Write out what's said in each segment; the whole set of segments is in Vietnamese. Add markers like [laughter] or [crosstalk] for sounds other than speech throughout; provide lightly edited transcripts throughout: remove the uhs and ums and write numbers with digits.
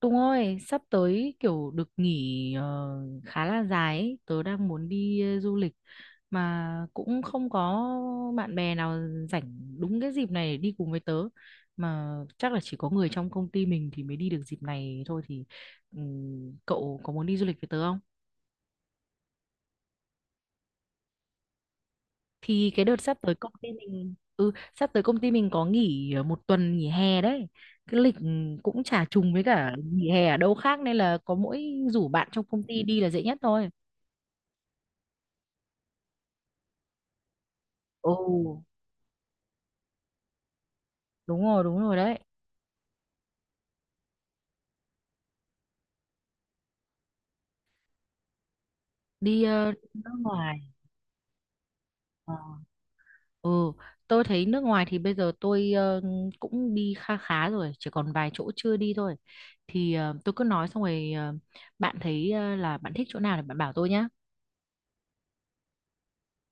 Tùng ơi, sắp tới kiểu được nghỉ khá là dài ấy. Tớ đang muốn đi du lịch mà cũng không có bạn bè nào rảnh đúng cái dịp này để đi cùng với tớ. Mà chắc là chỉ có người trong công ty mình thì mới đi được dịp này thôi, thì cậu có muốn đi du lịch với tớ không? Thì cái đợt sắp tới công ty mình có nghỉ một tuần nghỉ hè đấy. Cái lịch cũng chả trùng với cả nghỉ hè ở đâu khác nên là có mỗi rủ bạn trong công ty đi là dễ nhất thôi. Ồ, đúng rồi đấy. Đi nước ngoài. Ờ. Ừ, tôi thấy nước ngoài thì bây giờ tôi cũng đi kha khá rồi, chỉ còn vài chỗ chưa đi thôi. Thì tôi cứ nói xong rồi bạn thấy là bạn thích chỗ nào thì bạn bảo tôi nhá.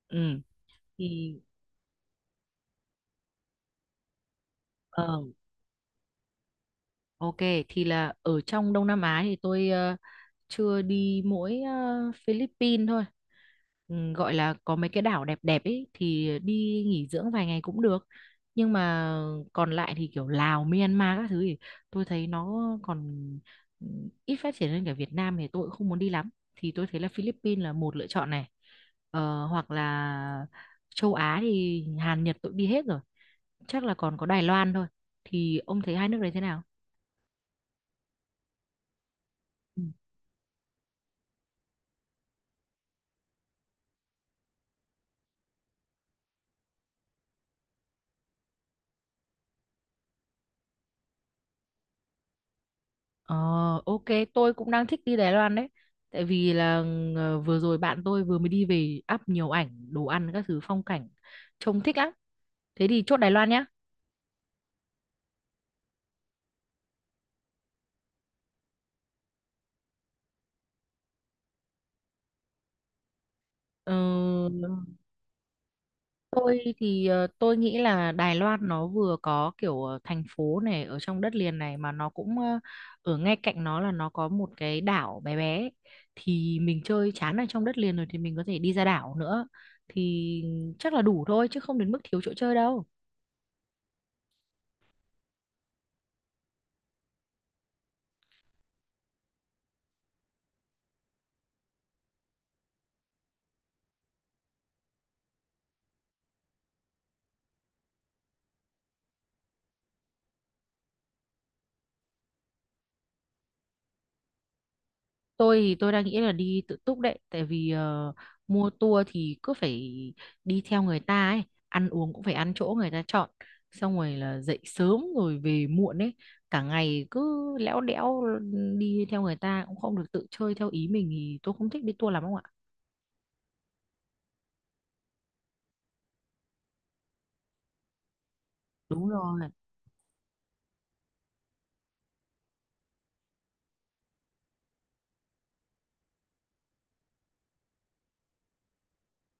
Ừ, thì ờ, ok, thì là ở trong Đông Nam Á thì tôi chưa đi mỗi Philippines thôi. Ừ, gọi là có mấy cái đảo đẹp đẹp ấy thì đi nghỉ dưỡng vài ngày cũng được. Nhưng mà còn lại thì kiểu Lào Myanmar các thứ thì tôi thấy nó còn ừ, ít phát triển hơn cả Việt Nam, thì tôi cũng không muốn đi lắm. Thì tôi thấy là Philippines là một lựa chọn này, hoặc là châu Á thì Hàn Nhật tôi cũng đi hết rồi, chắc là còn có Đài Loan thôi. Thì ông thấy hai nước đấy thế nào? Ừ. Ờ, ok, tôi cũng đang thích đi Đài Loan đấy. Tại vì là vừa rồi bạn tôi vừa mới đi về, up nhiều ảnh, đồ ăn, các thứ phong cảnh. Trông thích lắm. Thế thì chốt Đài Loan nhá. Ờ, tôi thì tôi nghĩ là Đài Loan nó vừa có kiểu thành phố này ở trong đất liền này, mà nó cũng ở ngay cạnh nó là nó có một cái đảo bé bé ấy. Thì mình chơi chán ở trong đất liền rồi thì mình có thể đi ra đảo nữa. Thì chắc là đủ thôi chứ không đến mức thiếu chỗ chơi đâu. Tôi thì tôi đang nghĩ là đi tự túc đấy, tại vì mua tour thì cứ phải đi theo người ta ấy, ăn uống cũng phải ăn chỗ người ta chọn, xong rồi là dậy sớm rồi về muộn ấy, cả ngày cứ lẽo đẽo đi theo người ta cũng không được tự chơi theo ý mình, thì tôi không thích đi tour lắm không ạ. Đúng rồi,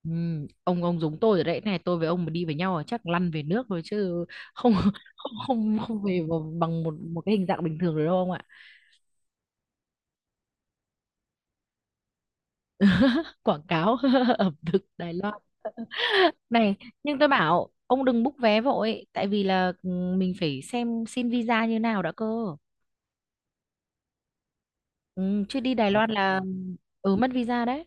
ừ, ông giống tôi rồi đấy này, tôi với ông mà đi với nhau là chắc lăn về nước rồi chứ không [laughs] không không, không về bằng một một cái hình dạng bình thường rồi đâu ông ạ. Quảng cáo [laughs] ẩm thực Đài Loan. Này, nhưng tôi bảo ông đừng book vé vội, tại vì là mình phải xem xin visa như nào đã cơ. Ừ, chứ đi Đài Loan là mất visa đấy.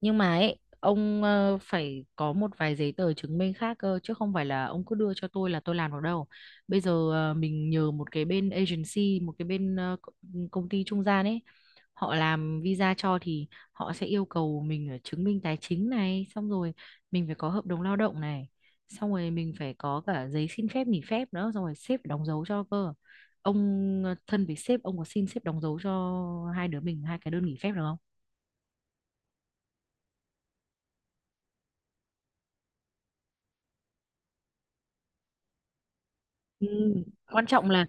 Nhưng mà ấy, ông phải có một vài giấy tờ chứng minh khác cơ, chứ không phải là ông cứ đưa cho tôi là tôi làm được đâu. Bây giờ mình nhờ một cái bên agency, một cái bên công ty trung gian ấy, họ làm visa cho, thì họ sẽ yêu cầu mình ở chứng minh tài chính này, xong rồi mình phải có hợp đồng lao động này, xong rồi mình phải có cả giấy xin phép nghỉ phép nữa, xong rồi sếp phải đóng dấu cho cơ. Ông thân với sếp, ông có xin sếp đóng dấu cho hai đứa mình hai cái đơn nghỉ phép được không? Ừ. Quan trọng là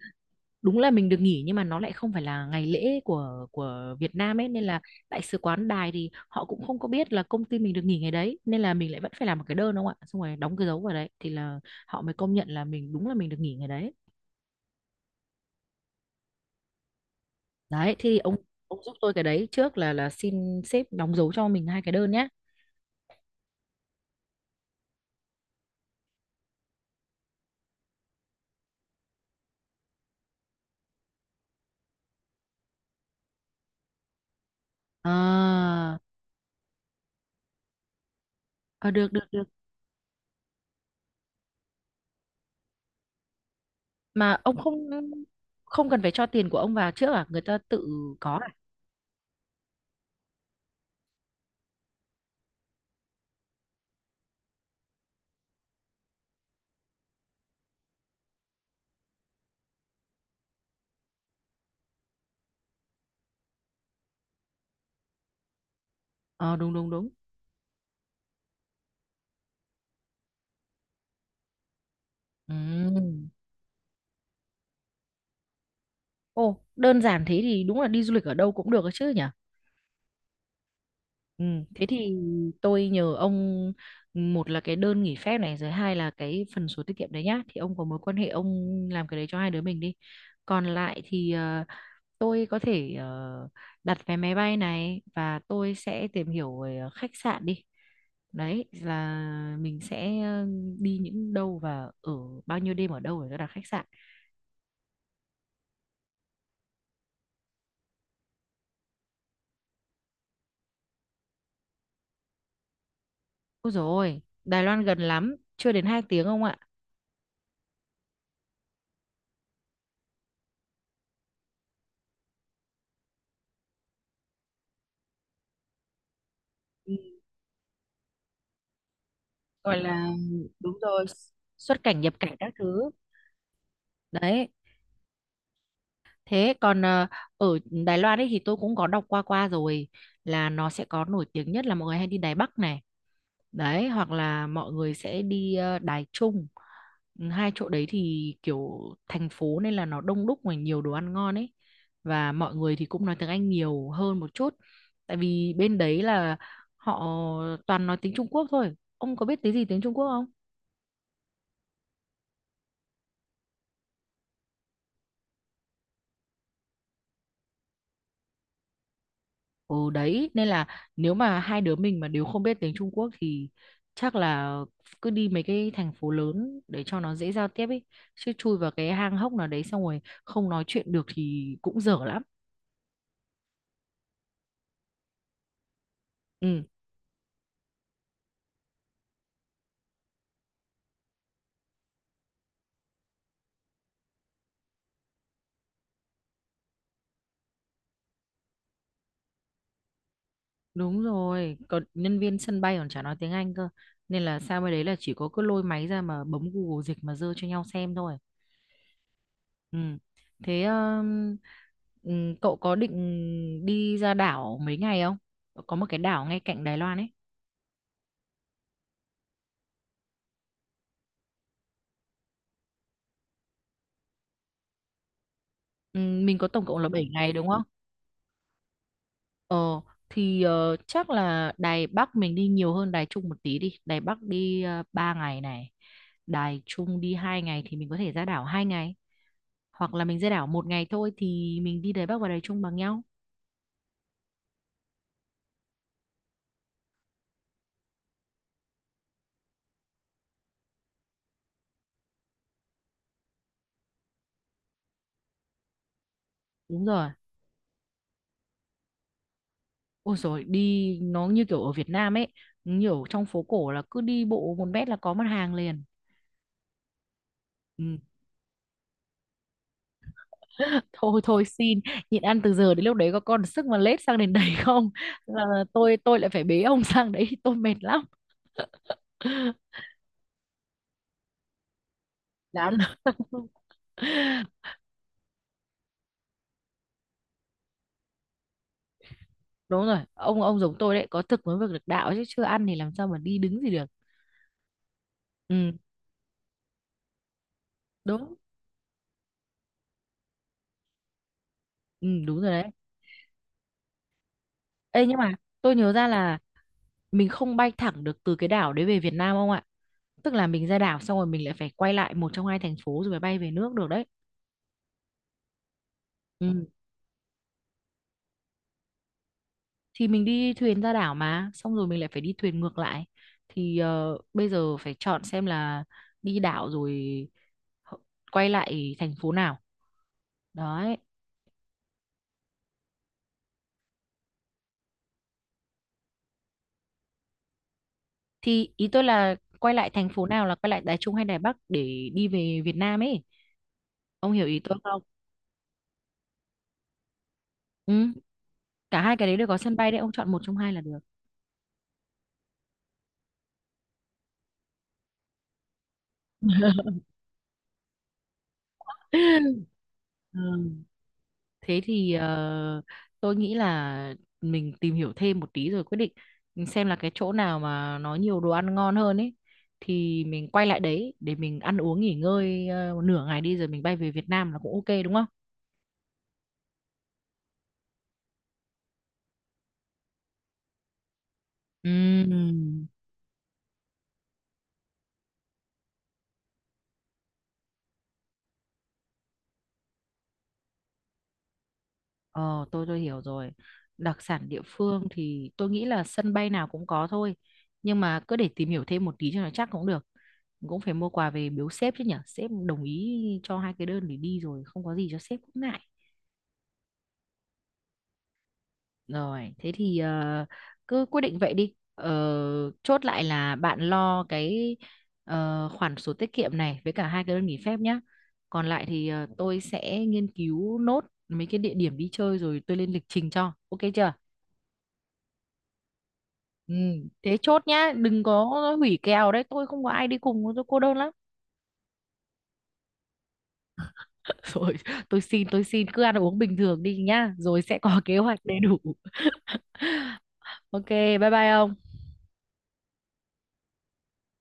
đúng là mình được nghỉ nhưng mà nó lại không phải là ngày lễ của Việt Nam ấy, nên là đại sứ quán Đài thì họ cũng không có biết là công ty mình được nghỉ ngày đấy, nên là mình lại vẫn phải làm một cái đơn đúng không ạ, xong rồi đóng cái dấu vào đấy thì là họ mới công nhận là mình đúng là mình được nghỉ ngày đấy. Đấy thì ông giúp tôi cái đấy trước, là xin sếp đóng dấu cho mình hai cái đơn nhé. À, à, được được được. Mà ông không không cần phải cho tiền của ông vào trước à, người ta tự có à? Ờ, đúng đúng đúng, ừ. Ồ, đơn giản thế thì đúng là đi du lịch ở đâu cũng được ấy chứ nhỉ? Ừ. Thế thì tôi nhờ ông, một là cái đơn nghỉ phép này, rồi hai là cái phần sổ tiết kiệm đấy nhá. Thì ông có mối quan hệ, ông làm cái đấy cho hai đứa mình đi. Còn lại thì tôi có thể đặt vé máy bay này, và tôi sẽ tìm hiểu về khách sạn đi. Đấy là mình sẽ đi những đâu và ở bao nhiêu đêm ở đâu để đặt khách sạn. Ôi dồi ôi, Đài Loan gần lắm, chưa đến 2 tiếng ông ạ. Ừ, gọi là đúng rồi, xuất cảnh nhập cảnh các thứ đấy. Thế còn ở Đài Loan ấy thì tôi cũng có đọc qua qua rồi, là nó sẽ có nổi tiếng nhất là mọi người hay đi Đài Bắc này đấy, hoặc là mọi người sẽ đi Đài Trung. Ừ, hai chỗ đấy thì kiểu thành phố nên là nó đông đúc và nhiều đồ ăn ngon ấy, và mọi người thì cũng nói tiếng Anh nhiều hơn một chút, tại vì bên đấy là họ toàn nói tiếng Trung Quốc thôi. Ông có biết tiếng gì, tiếng Trung Quốc không? Ừ đấy, nên là nếu mà hai đứa mình mà đều không biết tiếng Trung Quốc thì chắc là cứ đi mấy cái thành phố lớn để cho nó dễ giao tiếp ấy, chứ chui vào cái hang hốc nào đấy xong rồi không nói chuyện được thì cũng dở lắm. Ừ đúng rồi, còn nhân viên sân bay còn chả nói tiếng Anh cơ, nên là sao mới đấy là chỉ có cứ lôi máy ra mà bấm Google dịch mà dơ cho nhau xem thôi. Ừ, thế ừ, cậu có định đi ra đảo mấy ngày không? Có một cái đảo ngay cạnh Đài Loan ấy. Mình có tổng cộng là 7 ngày đúng không? Ờ, thì chắc là Đài Bắc mình đi nhiều hơn Đài Trung một tí đi. Đài Bắc đi 3 ngày này. Đài Trung đi 2 ngày, thì mình có thể ra đảo 2 ngày. Hoặc là mình ra đảo một ngày thôi thì mình đi Đài Bắc và Đài Trung bằng nhau. Đúng rồi. Ôi rồi, đi nó như kiểu ở Việt Nam ấy, nhiều, trong phố cổ là cứ đi bộ 1 mét là có mặt hàng liền. [laughs] Thôi thôi xin, nhịn ăn từ giờ đến lúc đấy có còn sức mà lết sang đến đấy không? Là tôi lại phải bế ông sang đấy, tôi mệt lắm. [laughs] lắm. [laughs] Đúng rồi, ông giống tôi đấy, có thực mới việc được đạo chứ, chưa ăn thì làm sao mà đi đứng gì được. Ừ đúng. Ừ đúng rồi đấy. Ê nhưng mà tôi nhớ ra là mình không bay thẳng được từ cái đảo đấy về Việt Nam ông ạ, tức là mình ra đảo xong rồi mình lại phải quay lại một trong hai thành phố rồi mới bay về nước được đấy. Ừ, thì mình đi thuyền ra đảo mà, xong rồi mình lại phải đi thuyền ngược lại. Thì bây giờ phải chọn xem là đi đảo rồi h- quay lại thành phố nào đấy. Thì ý tôi là quay lại thành phố nào là quay lại Đài Trung hay Đài Bắc để đi về Việt Nam ấy. Ông hiểu ý tôi không? Ừ. Cả hai cái đấy đều có sân bay đấy, ông chọn một trong hai là được. [laughs] Ừ. Thế thì tôi nghĩ là mình tìm hiểu thêm một tí rồi quyết định xem là cái chỗ nào mà nó nhiều đồ ăn ngon hơn ấy, thì mình quay lại đấy để mình ăn uống nghỉ ngơi một nửa ngày đi, rồi mình bay về Việt Nam là cũng ok đúng không? Ừm. Ờ, tôi hiểu rồi. Đặc sản địa phương thì tôi nghĩ là sân bay nào cũng có thôi. Nhưng mà cứ để tìm hiểu thêm một tí cho nó chắc cũng được. Cũng phải mua quà về biếu sếp chứ nhở. Sếp đồng ý cho hai cái đơn để đi rồi không có gì cho sếp cũng ngại. Rồi, thế thì cứ quyết định vậy đi. Ờ, chốt lại là bạn lo cái khoản sổ tiết kiệm này với cả hai cái đơn nghỉ phép nhá. Còn lại thì tôi sẽ nghiên cứu nốt mấy cái địa điểm đi chơi rồi tôi lên lịch trình cho. Ok chưa? Ừ, thế chốt nhá, đừng có hủy kèo đấy, tôi không có ai đi cùng, tôi cô đơn lắm. [laughs] Rồi, tôi xin, cứ ăn uống bình thường đi nhá, rồi sẽ có [laughs] kế hoạch đầy đủ. [laughs] Ok, bye bye ông.